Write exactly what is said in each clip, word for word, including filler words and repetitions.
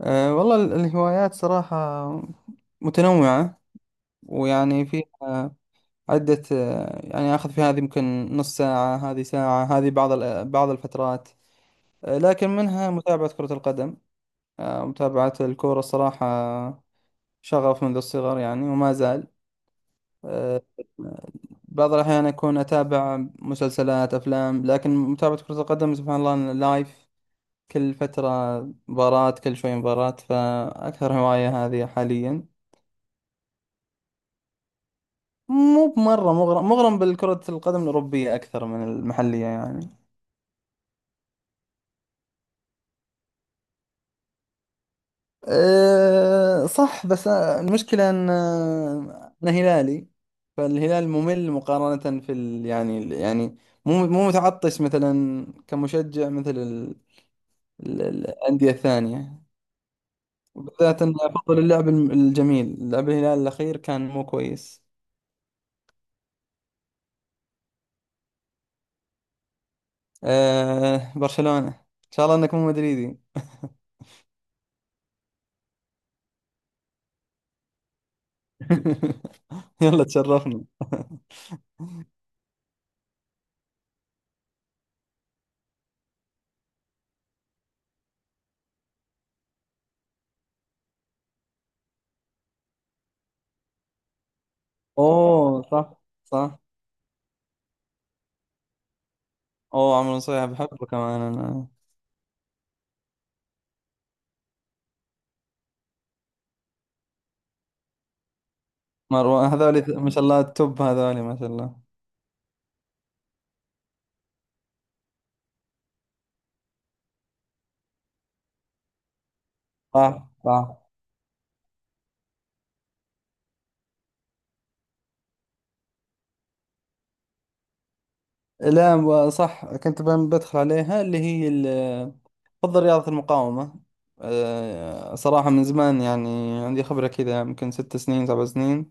أه والله ال- الهوايات صراحة متنوعة، ويعني فيها عدة، أه، يعني آخذ في هذه يمكن نص ساعة، هذه ساعة، هذه بعض ال- بعض الفترات. أه، لكن منها متابعة كرة القدم. أه، متابعة الكورة الصراحة شغف منذ الصغر يعني وما زال. آه، بعض الأحيان أكون أتابع مسلسلات أفلام، لكن متابعة كرة القدم سبحان الله لايف، كل فترة مباراة، كل شوي مباراة، فأكثر هواية هذه حاليا. مو بمرة مغرم، مغرم بالكرة القدم الأوروبية أكثر من المحلية يعني. أه صح، بس آه، المشكلة أن آه، أنا هلالي، فالهلال ممل مقارنة في ال يعني، يعني مو مو متعطش مثلا كمشجع مثل ال- ال- الأندية الثانية، بالذات أن أفضل اللعب الم- الجميل. لعب الهلال الأخير كان مو كويس. أه برشلونة، إن شاء الله أنك مو مدريدي. يلا تشرفنا. اوه صح صح. اوه عمرو نصيحة بحبه كمان انا. مروان هذولي ما شاء الله، التوب هذولي ما شاء الله. صح صح. لا و- صح، كنت بم- بدخل عليها اللي هي ال- بفضل رياضة المقاومة. أه، صراحة من زمان يعني عندي خبرة كذا، يمكن ست سنين سبع سنين.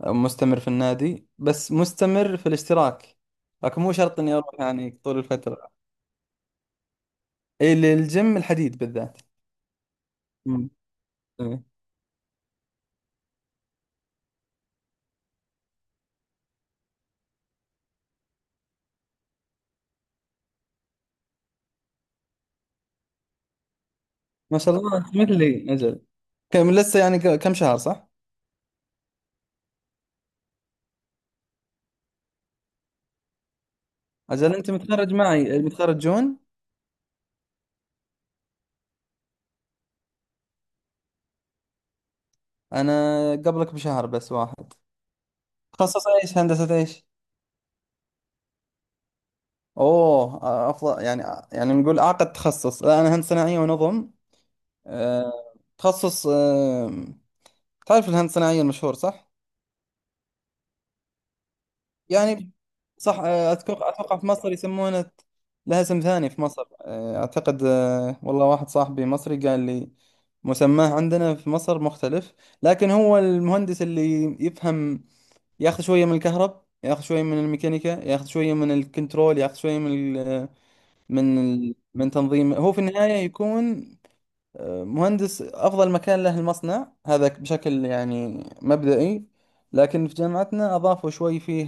أه، مستمر في النادي، بس مستمر في الاشتراك، لكن مو شرط اني اروح يعني طول الفترة. إيه، الجيم الحديد بالذات. مم. ما شاء الله انت مثلي اجل. كم لسه يعني، ك- كم شهر صح؟ اجل انت متخرج معي، متخرج جون. انا قبلك بشهر بس واحد. تخصص ايش، هندسة ايش؟ اوه آه، افضل يعني، آه، يعني نقول اعقد تخصص. لا، انا هندسة صناعية ونظم. آه، تخصص آه، تعرف الهندسة الصناعية المشهور صح؟ يعني صح، آه، أتوقع أتوقع في مصر يسمونه، لها اسم ثاني في مصر آه، أعتقد. آه، والله واحد صاحبي مصري قال لي مسماه عندنا في مصر مختلف. لكن هو المهندس اللي يفهم، ياخذ شوية من الكهرب، ياخذ شوية من الميكانيكا، ياخذ شوية من الكنترول، ياخذ شوية من ال من ال من تنظيم. هو في النهاية يكون آه، مهندس. أفضل مكان له المصنع هذا بشكل يعني مبدئي. لكن في جامعتنا أضافوا شوي فيه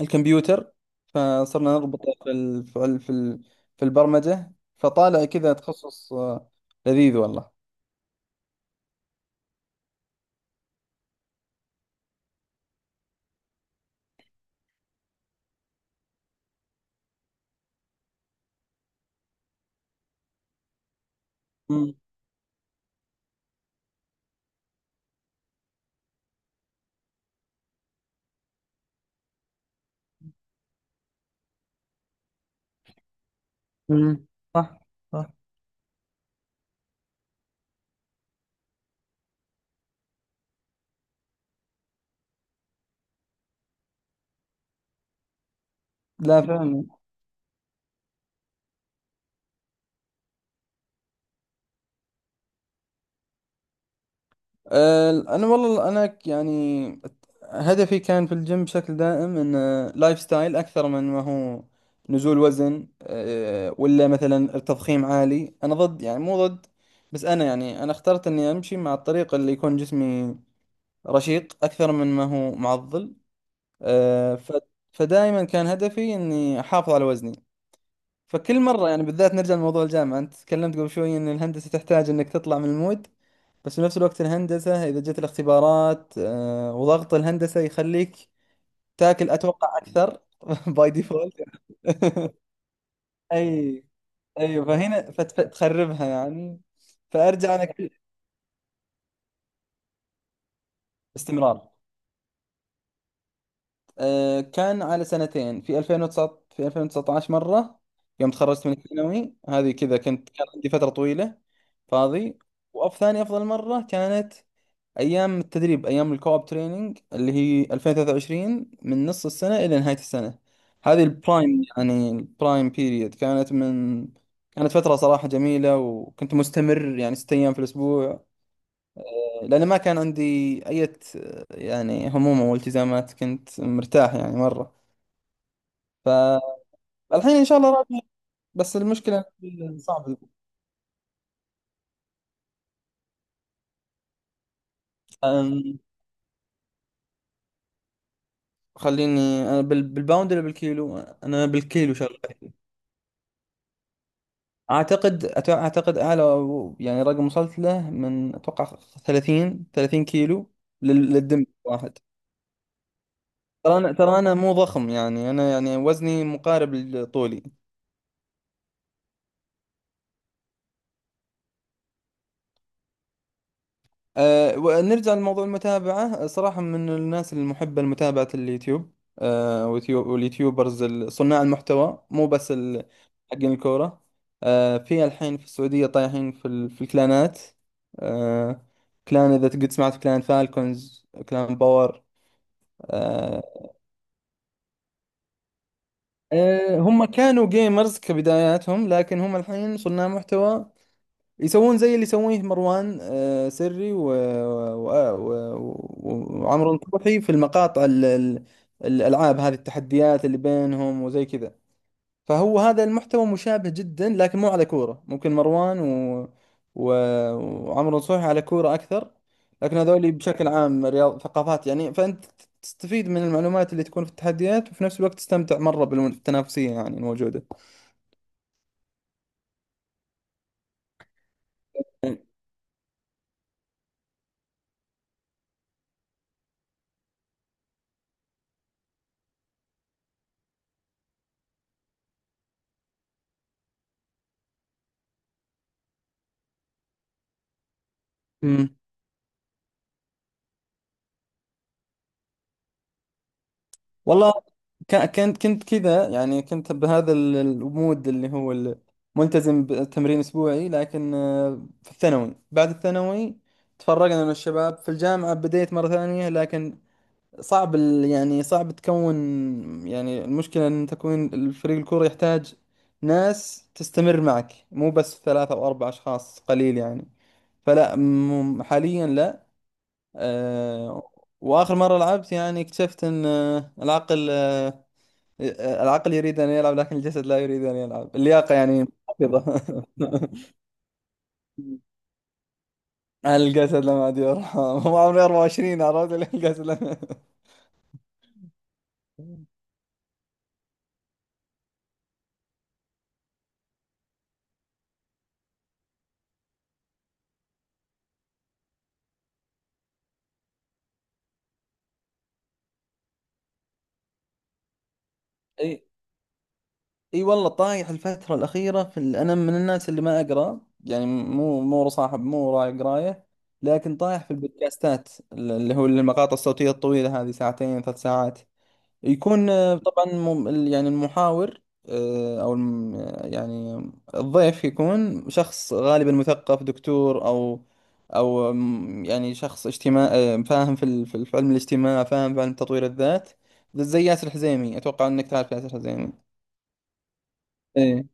الكمبيوتر، فصرنا نربطه في ال... في ال... في ال... في البرمجة. فطالع كذا تخصص آه، لذيذ والله. مم. مم. صح صح. لا فعلا. آه، انا والله انا ك- يعني هدفي كان في الجيم بشكل دائم انه لايف ستايل اكثر من ما هو نزول وزن، آه، ولا مثلا تضخيم عالي. انا ضد، يعني مو ضد، بس انا يعني انا اخترت اني امشي مع الطريق اللي يكون جسمي رشيق اكثر من ما هو معضل. آه، ف... فدائما كان هدفي اني احافظ على وزني. فكل مره يعني بالذات نرجع لموضوع الجامعه، انت تكلمت قبل شوي ان الهندسه تحتاج انك تطلع من المود، بس في نفس الوقت الهندسه اذا جت الاختبارات آه، وضغط الهندسه يخليك تاكل اتوقع اكثر. باي ديفولت. اي اي، فهنا فتخربها يعني. فارجع انا كل- باستمرار. آه، كان على سنتين. في 2019 في ألفين وتسعة عشر مرة يوم تخرجت من الثانوي، هذه كذا كنت كان عندي فترة طويلة فاضي. وأف ثاني أفضل مرة كانت أيام التدريب، أيام الكوب تريننج اللي هي ألفين وثلاثة وعشرين، من نص السنة إلى نهاية السنة. هذه البرايم يعني، البرايم بيريد كانت من كانت فترة صراحة جميلة، وكنت مستمر يعني ست أيام في الأسبوع، لأن ما كان عندي أي يعني هموم أو التزامات، كنت مرتاح يعني مرة. فالحين ان شاء الله راضي. بس المشكله صعب. أم، خليني. أنا بال- بالباوند ولا بالكيلو؟ انا بالكيلو شغال. اعتقد أت- اعتقد اعلى يعني رقم وصلت له، من اتوقع 30 30 كيلو لل- للدم واحد. ترى انا ترى انا مو ضخم يعني، انا يعني وزني مقارب لطولي. أه ونرجع لموضوع المتابعة، أه، صراحة من الناس المحبة لمتابعة اليوتيوب. أه واليوتيو- واليوتيوبرز، ال- صناع المحتوى، مو بس ال- حقين الكورة. أه في الحين في السعودية طايحين في, ال- في الكلانات. أه كلان. إذا قد سمعت، كلان فالكونز، كلان باور. أه أه هم كانوا جيمرز كبداياتهم، لكن هم الحين صناع محتوى. يسوون زي اللي يسويه مروان آه، سري و... و... و... وعمرو نصوحي في المقاطع ال... ال- الألعاب هذه، التحديات اللي بينهم وزي كذا. فهو هذا المحتوى مشابه جدا، لكن مو على كورة. ممكن مروان و... و... وعمرو نصوحي على كورة أكثر. لكن هذول بشكل عام رياض ثقافات يعني، فأنت تستفيد من المعلومات اللي تكون في التحديات، وفي نفس الوقت تستمتع مرة بالتنافسية يعني الموجودة. والله ك- كنت كنت كذا يعني، كنت بهذا ال- المود اللي هو ال- ملتزم بتمرين اسبوعي، لكن آه، في الثانوي بعد الثانوي تفرقنا من الشباب. في الجامعة بديت مرة ثانية، لكن صعب ال- يعني صعب تكون، يعني المشكلة ان تكون الفريق الكورة يحتاج ناس تستمر معك، مو بس ثلاثة او اربع اشخاص قليل يعني. فلا م- حاليا لا. آه، واخر مرة لعبت يعني اكتشفت ان آه، العقل، آه، العقل يريد أن يلعب، لكن الجسد لا يريد أن يلعب، اللياقة يعني محافظة. على الجسد لم عاد يرحم. هو عمري أربعة وعشرين، عرفت ليه الجسد لم. اي اي والله، طايح الفترة الأخيرة في ال... أنا من الناس اللي ما أقرأ يعني، مو مو صاحب، مو راعي قراية، لكن طايح في البودكاستات اللي هو المقاطع الصوتية الطويلة هذه، ساعتين ثلاث ساعات، يكون آه، طبعا مم- ال- يعني المحاور، آه، او الم- يعني الضيف يكون شخص غالبا مثقف دكتور او او مم، يعني شخص اجتماع آه، فاهم في ال- في ال- في علم الاجتماع، فاهم في علم تطوير الذات، زي ياسر الحزيمي. اتوقع انك تعرف ياسر الحزيمي. ايه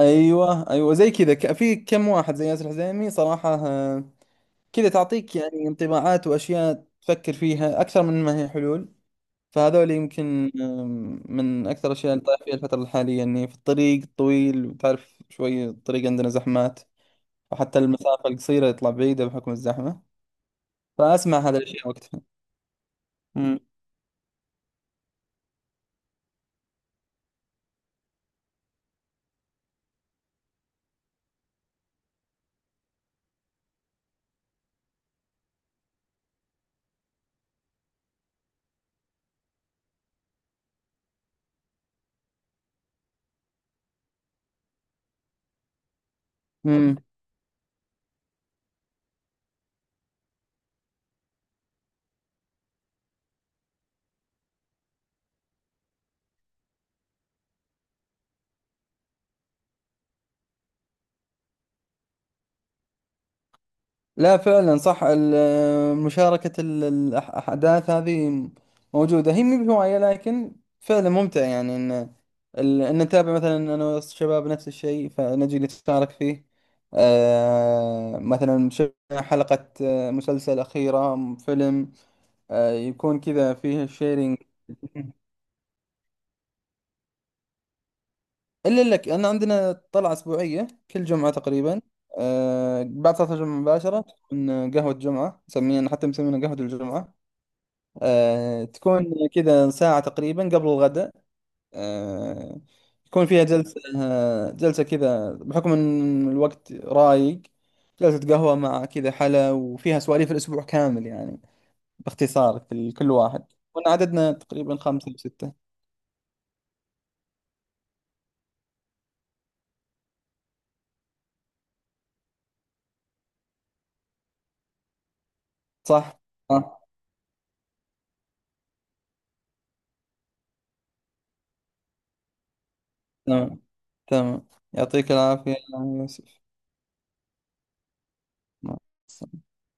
ايوه ايوه زي كذا، ك- في كم واحد زي ياسر الحزيمي صراحة، آه، كذا تعطيك يعني انطباعات واشياء تفكر فيها اكثر من ما هي حلول. فهذول يمكن أم، من أكثر الأشياء اللي طايح فيها الفترة الحالية. إني في الطريق الطويل، وتعرف شوي الطريق عندنا زحمات، وحتى المسافة القصيرة يطلع بعيدة بحكم الزحمة، فأسمع هذه الأشياء وقتها. أمم. لا فعلا صح، ال- مشاركة ال- الأحداث هذه موجودة، هي مي بهواية، لكن فعلا ممتع. يعني إن ال- إن نتابع مثلا أنا والشباب نفس الشيء، فنجي نتشارك فيه. آه مثلا شفنا حلقة آه، مسلسل أخيرة، فيلم آه يكون كذا فيه شيرينج. إلا لك، أنا عندنا طلعة أسبوعية كل جمعة تقريبا. آه بعد صلاة الجمعة مباشرة تكون قهوة جمعة، نسميها حتى مسمينا قهوة الجمعة. آه، تكون كذا ساعة تقريبا قبل الغداء. آه، يكون فيها جلسة، آه، جلسة كذا بحكم إن الوقت رايق، جلسة قهوة مع كذا حلا، وفيها سواليف الأسبوع كامل يعني باختصار، في ال- كل واحد. كنا عددنا تقريبا خمسة أو ستة. صح؟ آه. تمام تمام. يعطيك العافية يا يوسف. مع السلامة.